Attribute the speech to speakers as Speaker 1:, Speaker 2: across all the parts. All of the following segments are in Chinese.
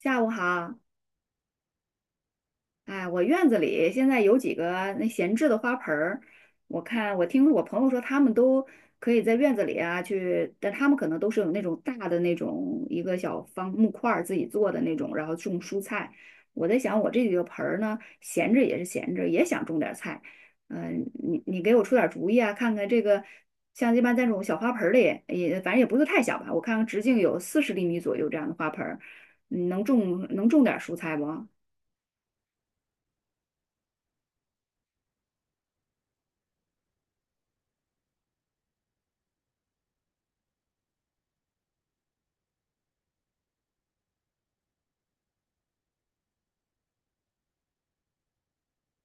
Speaker 1: 下午好，哎，我院子里现在有几个那闲置的花盆儿，我听我朋友说他们都可以在院子里啊去，但他们可能都是有那种大的那种一个小方木块儿自己做的那种，然后种蔬菜。我在想我这几个盆儿呢，闲着也是闲着，也想种点儿菜。嗯、你给我出点儿主意啊，看看这个像一般在这种小花盆儿里，也反正也不是太小吧，我看看直径有四十厘米左右这样的花盆儿，你能种点儿蔬菜不？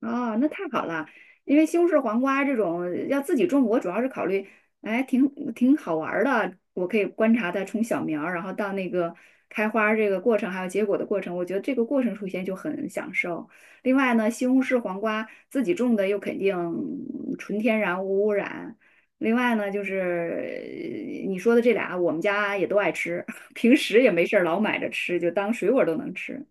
Speaker 1: 哦，那太好了，因为西红柿黄瓜这种要自己种，我主要是考虑，哎，挺好玩儿的，我可以观察它从小苗儿，然后到那个开花儿这个过程，还有结果的过程，我觉得这个过程出现就很享受。另外呢，西红柿黄瓜自己种的又肯定纯天然无污染。另外呢，就是你说的这俩，我们家也都爱吃，平时也没事儿老买着吃，就当水果儿都能吃。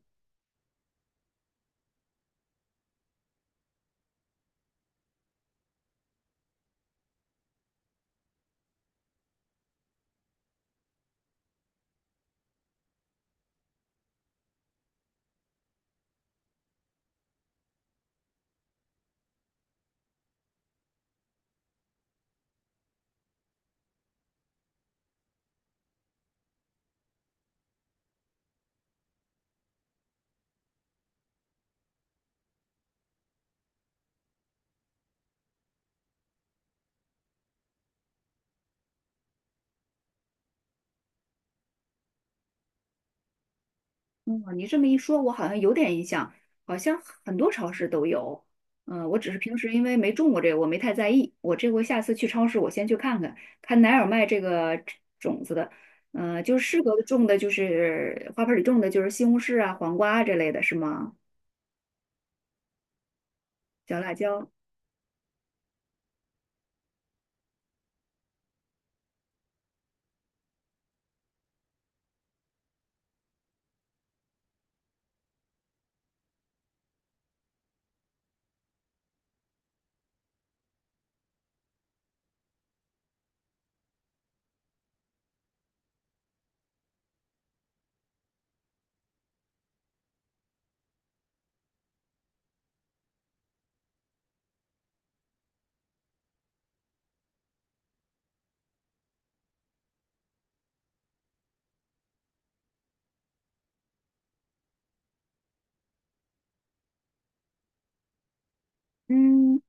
Speaker 1: 哦，你这么一说，我好像有点印象，好像很多超市都有。嗯，我只是平时因为没种过这个，我没太在意。我这回下次去超市，我先去看看，看哪有卖这个种子的。嗯、就是适合种的，就是花盆里种的，就是西红柿啊、黄瓜啊这类的，是吗？小辣椒，嗯，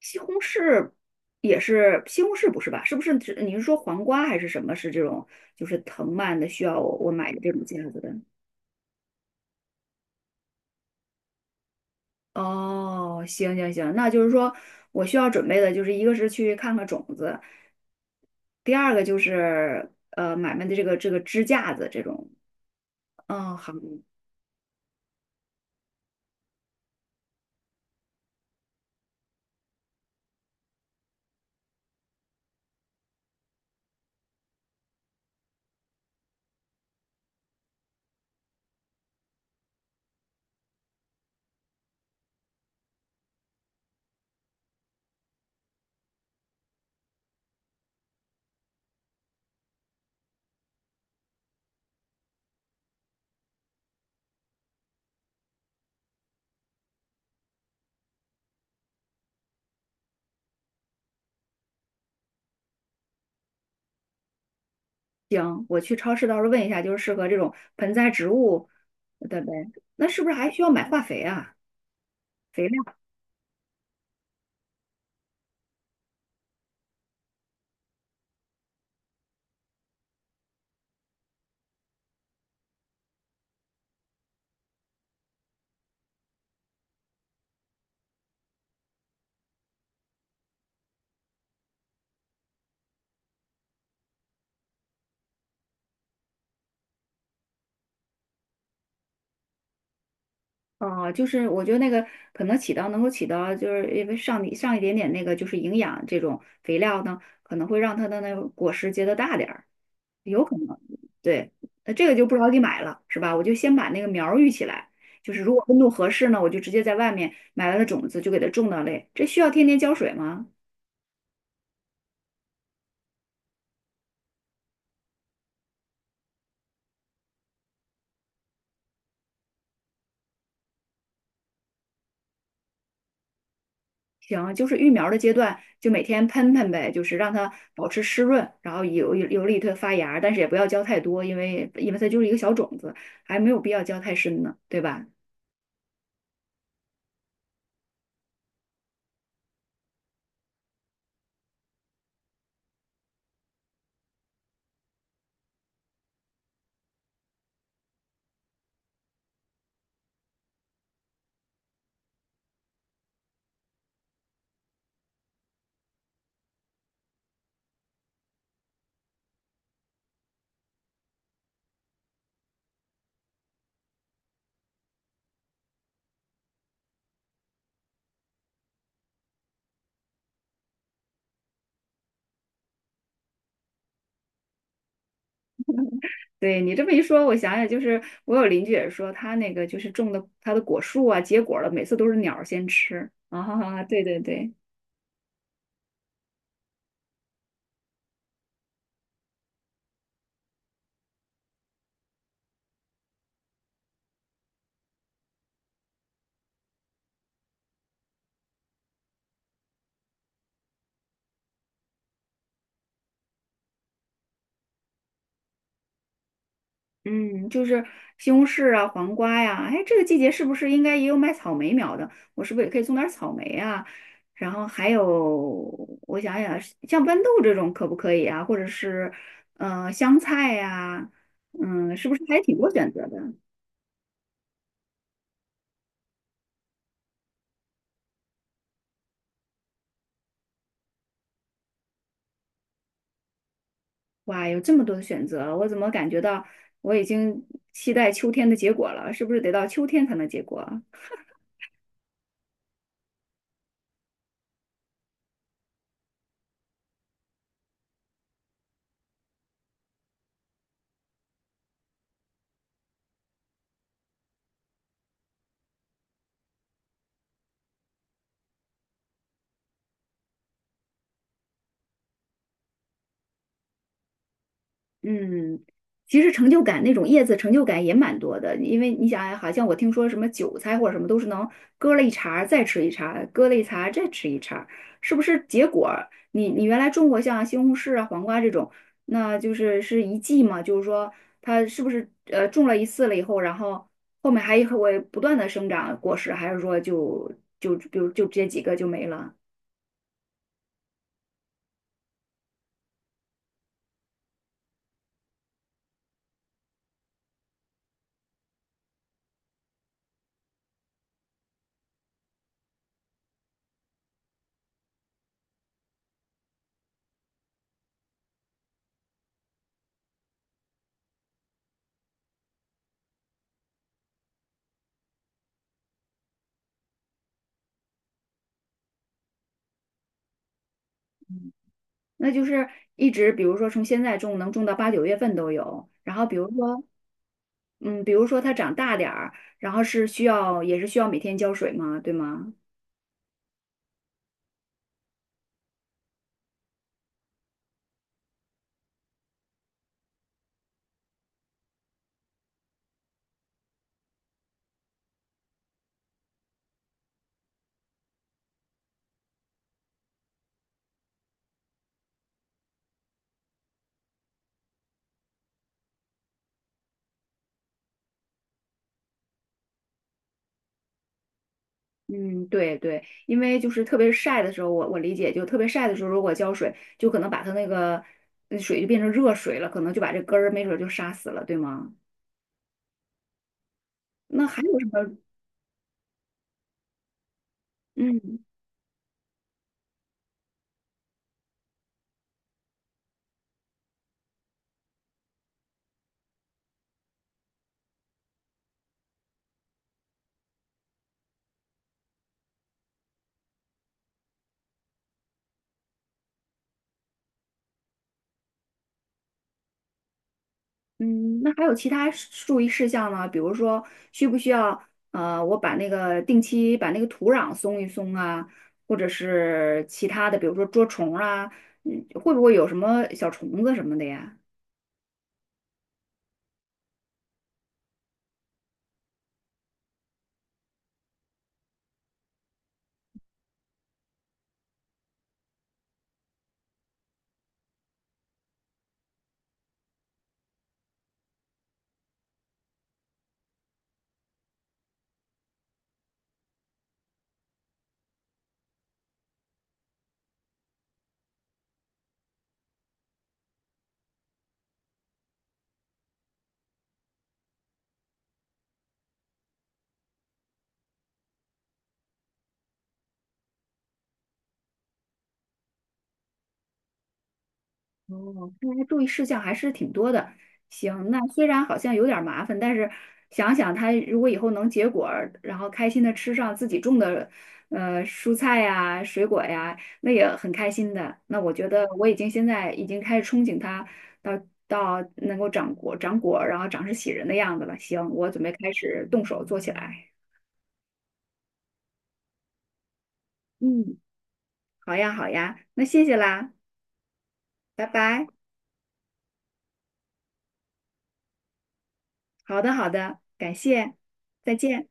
Speaker 1: 西红柿也是西红柿不是吧？是不是指你是说黄瓜还是什么？是这种就是藤蔓的，需要我买的这种架子的？哦，行行行，那就是说我需要准备的就是一个是去看看种子，第二个就是买卖的这个支架子这种。嗯，好，行，我去超市到时候问一下，就是适合这种盆栽植物的呗。那是不是还需要买化肥啊？肥料？哦，就是我觉得那个可能起到能够起到，就是因为上一点点那个就是营养这种肥料呢，可能会让它的那个果实结得大点儿。有可能，对，那这个就不着急买了，是吧？我就先把那个苗儿育起来，就是如果温度合适呢，我就直接在外面买来的种子就给它种到类。这需要天天浇水吗？行，就是育苗儿的阶段，就每天喷喷呗，就是让它保持湿润，然后有利于它发芽但是也不要浇太多，因为它就是一个小种子，还没有必要浇太深呢，对吧？对你这么一说，我想想，就是我有邻居也说，他那个就是种的他的果树啊，结果了，每次都是鸟儿先吃啊，哈哈，对对对。嗯，就是西红柿啊、黄瓜呀、哎，这个季节是不是应该也有卖草莓苗的？我是不是也可以种点儿草莓啊？然后还有，我想想，像豌豆这种可不可以啊？或者是，香菜呀、嗯，是不是还挺多选择的？哇，有这么多的选择，我怎么感觉到我已经期待秋天的结果了？是不是得到秋天才能结果？嗯，其实成就感那种叶子成就感也蛮多的，因为你想啊好像我听说什么韭菜或者什么都是能割了一茬儿再吃一茬儿，割了一茬儿再吃一茬儿，是不是结果儿？你原来种过像西红柿啊、黄瓜这种，那就是是一季嘛，就是说它是不是种了一次了以后，然后后面还会不断的生长果实，还是说就比如就这几个就没了？那就是一直，比如说从现在种能种到八九月份都有，然后比如说。嗯，比如说它长大点儿，然后是需要也是需要每天浇水吗？对吗？嗯，对对，因为就是特别晒的时候，我理解就特别晒的时候，如果浇水，就可能把它那个那水就变成热水了，可能就把这根儿没准儿就杀死了，对吗？那还有什么？嗯。嗯，那还有其他事注意事项呢？比如说，需不需要我把那个定期把那个土壤松一松啊，或者是其他的，比如说捉虫啊，嗯，会不会有什么小虫子什么的呀？哦，看来注意事项还是挺多的。行，那虽然好像有点儿麻烦，但是想想他如果以后能结果儿，然后开心的吃上自己种的，蔬菜呀、水果呀，那也很开心的。那我觉得我已经现在已经开始憧憬他到到能够长果、长果儿，然后长势喜人的样子了。行，我准备开始动手做起来。嗯，好呀，好呀，那谢谢啦，拜拜。好的，好的，感谢，再见。